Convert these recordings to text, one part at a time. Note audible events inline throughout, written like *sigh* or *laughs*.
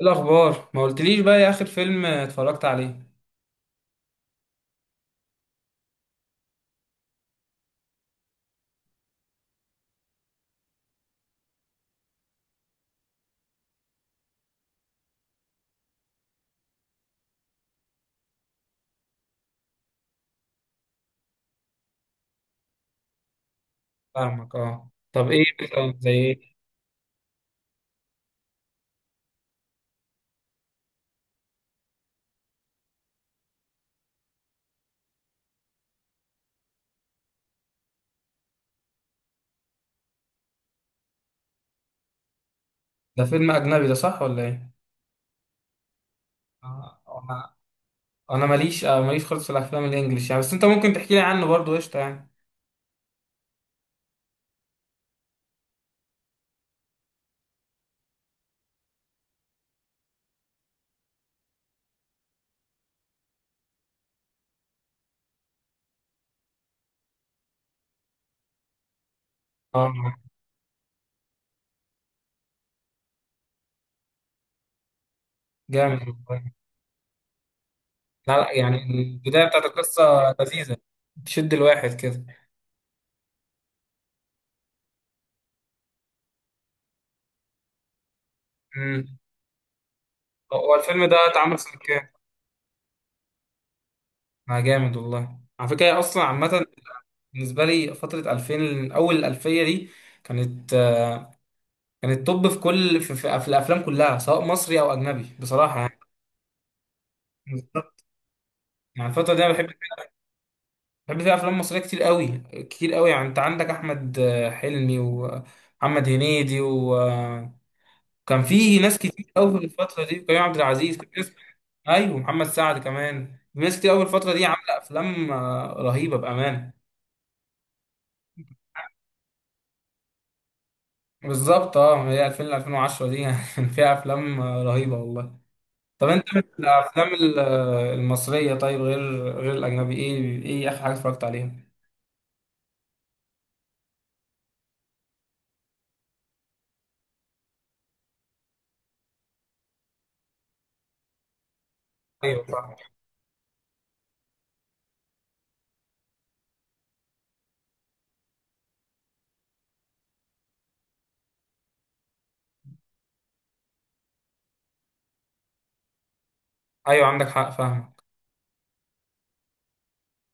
الأخبار ما قلتليش بقى، يا آخر فيلم اتفرجت عليه؟ فاهمك. اه، طب ايه مثلا، زي ايه؟ ده فيلم أجنبي ده، صح ولا ايه؟ آه، أنا أنا ماليش، ماليش خالص في الأفلام الإنجليش يعني، بس أنت ممكن تحكي لي عنه برضه، قشطة يعني. اه، جامد والله. لا لا يعني، البداية بتاعت القصة لذيذة، تشد الواحد كده. امم هو الفيلم ده اتعمل سنة كام؟ جامد والله، على فكرة هي أصلا عامة بالنسبة لي فترة 2000، أول الألفية دي كانت كانت توب في كل، في الافلام كلها، سواء مصري او اجنبي بصراحه يعني. يعني الفتره دي انا بحب، فيها افلام مصريه كتير قوي، كتير قوي يعني. انت عندك احمد حلمي، ومحمد هنيدي، وكان في ناس كتير قوي في الفتره دي، كريم عبد العزيز، كان في ناس. ايوه، محمد سعد كمان. في ناس كتير قوي الفتره دي، عامله افلام رهيبه، بامانه. بالظبط. اه، هي 2000 ل 2010 دي *laughs* كان فيها افلام رهيبه والله. طب انت من الافلام المصريه، طيب، غير الاجنبي، ايه اخر حاجه اتفرجت عليها؟ ايوه، فاهم. ايوه عندك حق، فاهمك.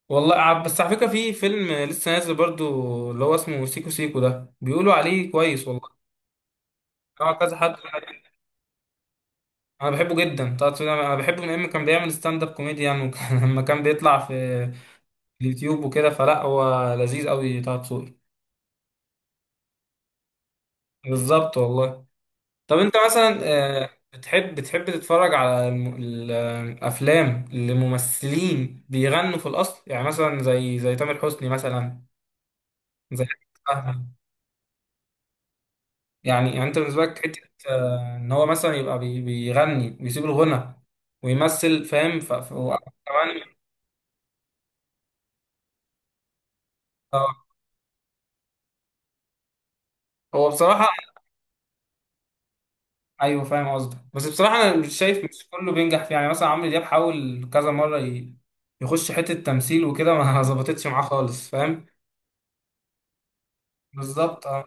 والله بس على فكره، في فيلم لسه نازل برضو اللي هو اسمه سيكو سيكو، ده بيقولوا عليه كويس والله. اه، كذا حد *laughs* انا بحبه جدا طه دسوقي، ده انا بحبه من ايام ما كان بيعمل ستاند اب كوميدي يعني، *laughs* لما كان بيطلع في اليوتيوب وكده، فلا هو لذيذ قوي طه دسوقي. بالظبط والله. طب انت مثلا، بتحب، تتفرج على الافلام اللي ممثلين بيغنوا في الاصل، يعني مثلا زي تامر حسني مثلا، زي أحمد فهمي يعني انت بالنسبه لك حته ان هو مثلا يبقى بيغني ويسيب الغنى ويمثل، فاهم؟ كمان. اه. هو بصراحه... ايوه فاهم قصدك، بس بصراحه انا مش شايف مش كله بينجح فيه، يعني مثلا عمرو دياب حاول كذا مره يخش حته تمثيل وكده، ما *laughs* ظبطتش معاه خالص، فاهم. بالظبط،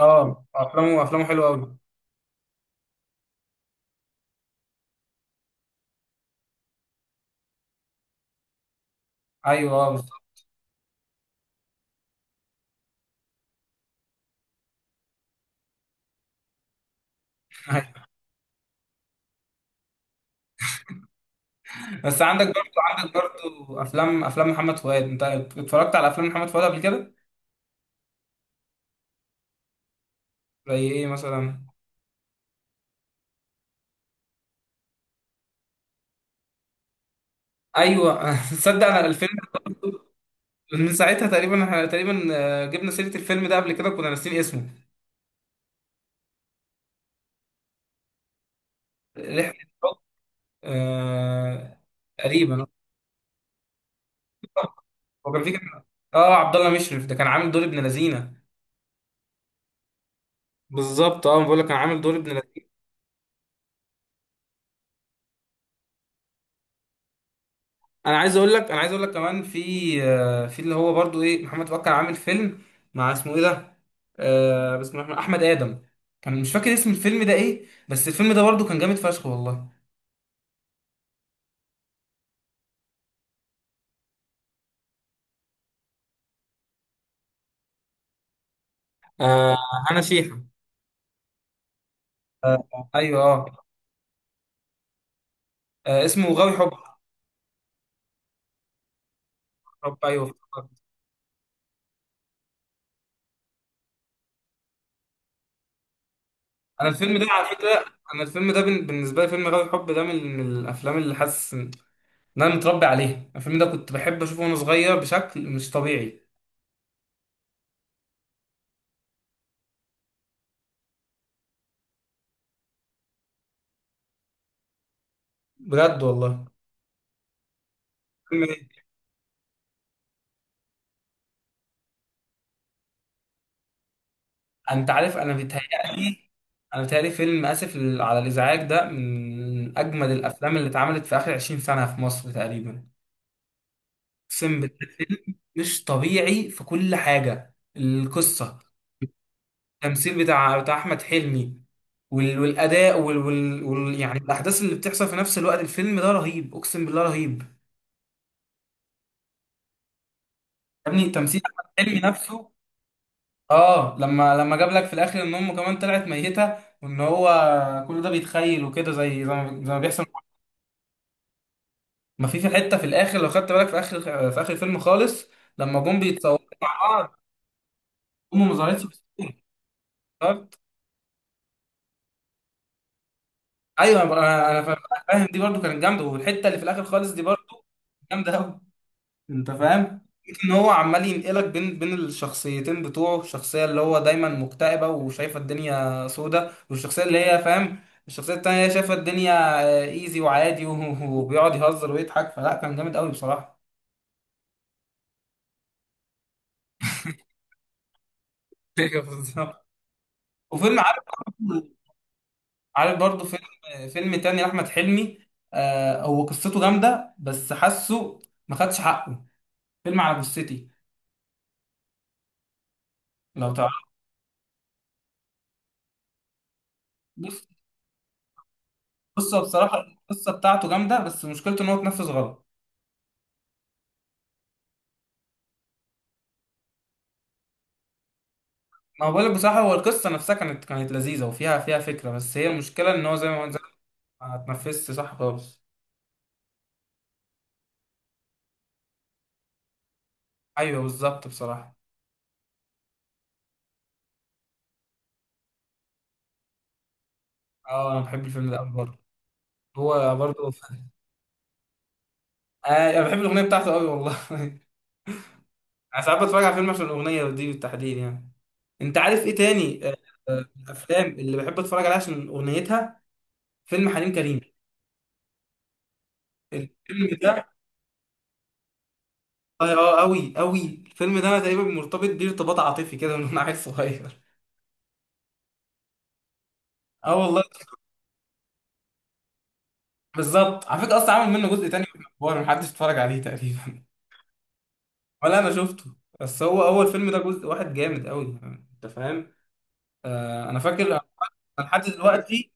اه، افلامه حلوه قوي. ايوه، اه، بس *laughs* بس عندك برضو افلام محمد فؤاد، انت اتفرجت على افلام محمد فؤاد قبل كده؟ زي ايه مثلا؟ ايوه *laughs* تصدق انا الفيلم... من ساعتها تقريبا، احنا تقريبا جبنا سيره الفيلم ده قبل كده، كنا ناسيين اسمه. رحله الحب. آه... تقريبا. هو كان في كان. اه، عبد الله مشرف ده كان عامل دور ابن لذينه. بالظبط، اه بقول لك كان عامل دور ابن. انا عايز اقول لك كمان في، اللي هو برضو، ايه، محمد فؤاد كان عامل فيلم مع، اسمه ايه ده، بسم الله الرحمن، احمد ادم، كان مش فاكر اسم الفيلم ده ايه، بس الفيلم ده برضو كان جامد فشخ والله. آه انا شيحة. آه، ايوه، اه. اسمه غاوي حب. حب، ايوه افتكرت. انا الفيلم ده على فكره، انا الفيلم ده بالنسبه لي فيلم غاوي حب ده من الافلام اللي حاسس ان انا متربي عليها، الفيلم ده كنت بحب اشوفه وانا صغير بشكل مش طبيعي. بجد والله. فيلم ايه؟ انت عارف انا بيتهيألي، انا بتهيألي فيلم اسف على الازعاج ده من اجمد الافلام اللي اتعملت في اخر 20 سنه في مصر تقريبا. اقسم بالله، فيلم مش طبيعي في كل حاجه، القصه، التمثيل بتاع احمد حلمي، والاداء يعني الاحداث اللي بتحصل في نفس الوقت، الفيلم ده رهيب، اقسم بالله رهيب. يا ابني، تمثيل احمد حلمي نفسه. اه، لما جاب لك في الاخر ان امه كمان طلعت ميته، وان هو كل ده بيتخيل وكده، زي ما بيحصل. ما في حته في الاخر لو خدت بالك، في اخر الفيلم خالص، لما جم بيتصوروا مع بعض، امه ما ظهرتش في الصورة. افتكرت. ايوه، فاهم، دي برضو كانت جامده، والحته اللي في الاخر خالص دي برضو جامده قوي. انت فاهم، ان هو عمال ينقلك بين الشخصيتين بتوعه، الشخصيه اللي هو دايما مكتئبه وشايفه الدنيا سودة، والشخصيه اللي هي فاهم، الشخصيه التانيه هي شايفه الدنيا ايزي وعادي *laughs* وبيقعد يهزر ويضحك، فلا كان جامد قوي بصراحه. *laughs* أيوة بالظبط. وفيلم... عارف، عارف برضو فيلم فيلم تاني لأحمد حلمي، هو قصته جامدة بس حاسه ما خدش حقه، فيلم على جثتي، لو تعرف. بص، القصة بصراحة، القصة بتاعته جامدة بس مشكلته إن هو اتنفذ غلط. ما هو بقولك بصراحة، هو القصة نفسها كانت لذيذة، وفيها فكرة، بس هي المشكلة إن هو زي ما اتنفذش صح خالص. أيوه بالظبط بصراحة. أه أنا بحب الفيلم ده أوي برضه، هو برضه *laughs* آه، أنا بحب الأغنية بتاعته أوي والله *laughs* انا ساعات بتفرج على فيلم عشان الاغنيه دي بالتحديد يعني. انت عارف ايه تاني؟ الافلام اللي بحب اتفرج عليها عشان اغنيتها، فيلم حليم كريم. الفيلم ده، اه، قوي قوي، الفيلم ده انا تقريبا مرتبط بيه ارتباط عاطفي كده من وانا عيل صغير. *laughs* اه والله. بالظبط، على فكره اصلا عامل منه جزء تاني، في الاخبار محدش اتفرج عليه تقريبا. *laughs* ولا انا شفته، بس هو اول فيلم ده جزء واحد جامد قوي، انت فاهم. انا فاكر. أنا لحد دلوقتي،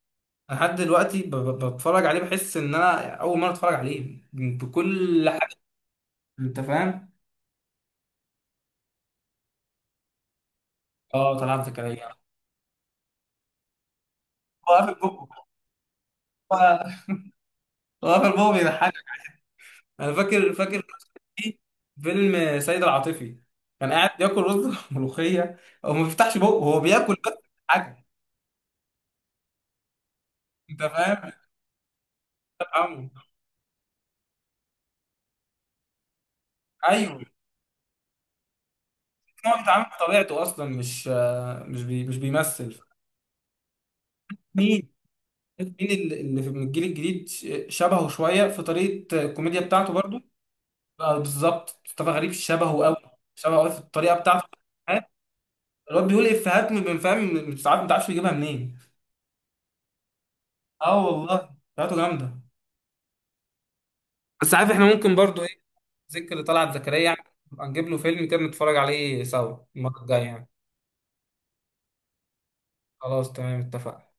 لحد دلوقتي بتفرج عليه بحس ان انا اول مره اتفرج عليه بكل حاجه، انت فاهم. اه، طلعت زكريا. هو قافل بقه، هو هو قافل بقه بيضحك. انا فاكر في فيلم سيد العاطفي، كان قاعد بياكل رز *laughs* ملوخيه، هو ما بيفتحش بقه هو بياكل بس حاجه، انت فاهم. انت فاهمه؟ ايوه. هو بيتعامل بطبيعته اصلا، مش مش بي مش بيمثل. مين، مين اللي اللي في من الجيل الجديد شبهه شويه في طريقه الكوميديا بتاعته برضو؟ بالظبط، مصطفى غريب شبهه قوي، شبهه قوي في الطريقه بتاعته. الواد بيقول إيه، افيهات من، فاهم، مش عارف، ما تعرفش يجيبها منين. اه والله، بتاعته جامده. بس عارف، احنا ممكن برضو، ايه، ذكر اللي طلعت زكريا يعني، نبقى نجيب له فيلم كده نتفرج عليه سوا المره الجايه يعني. خلاص تمام، اتفقنا.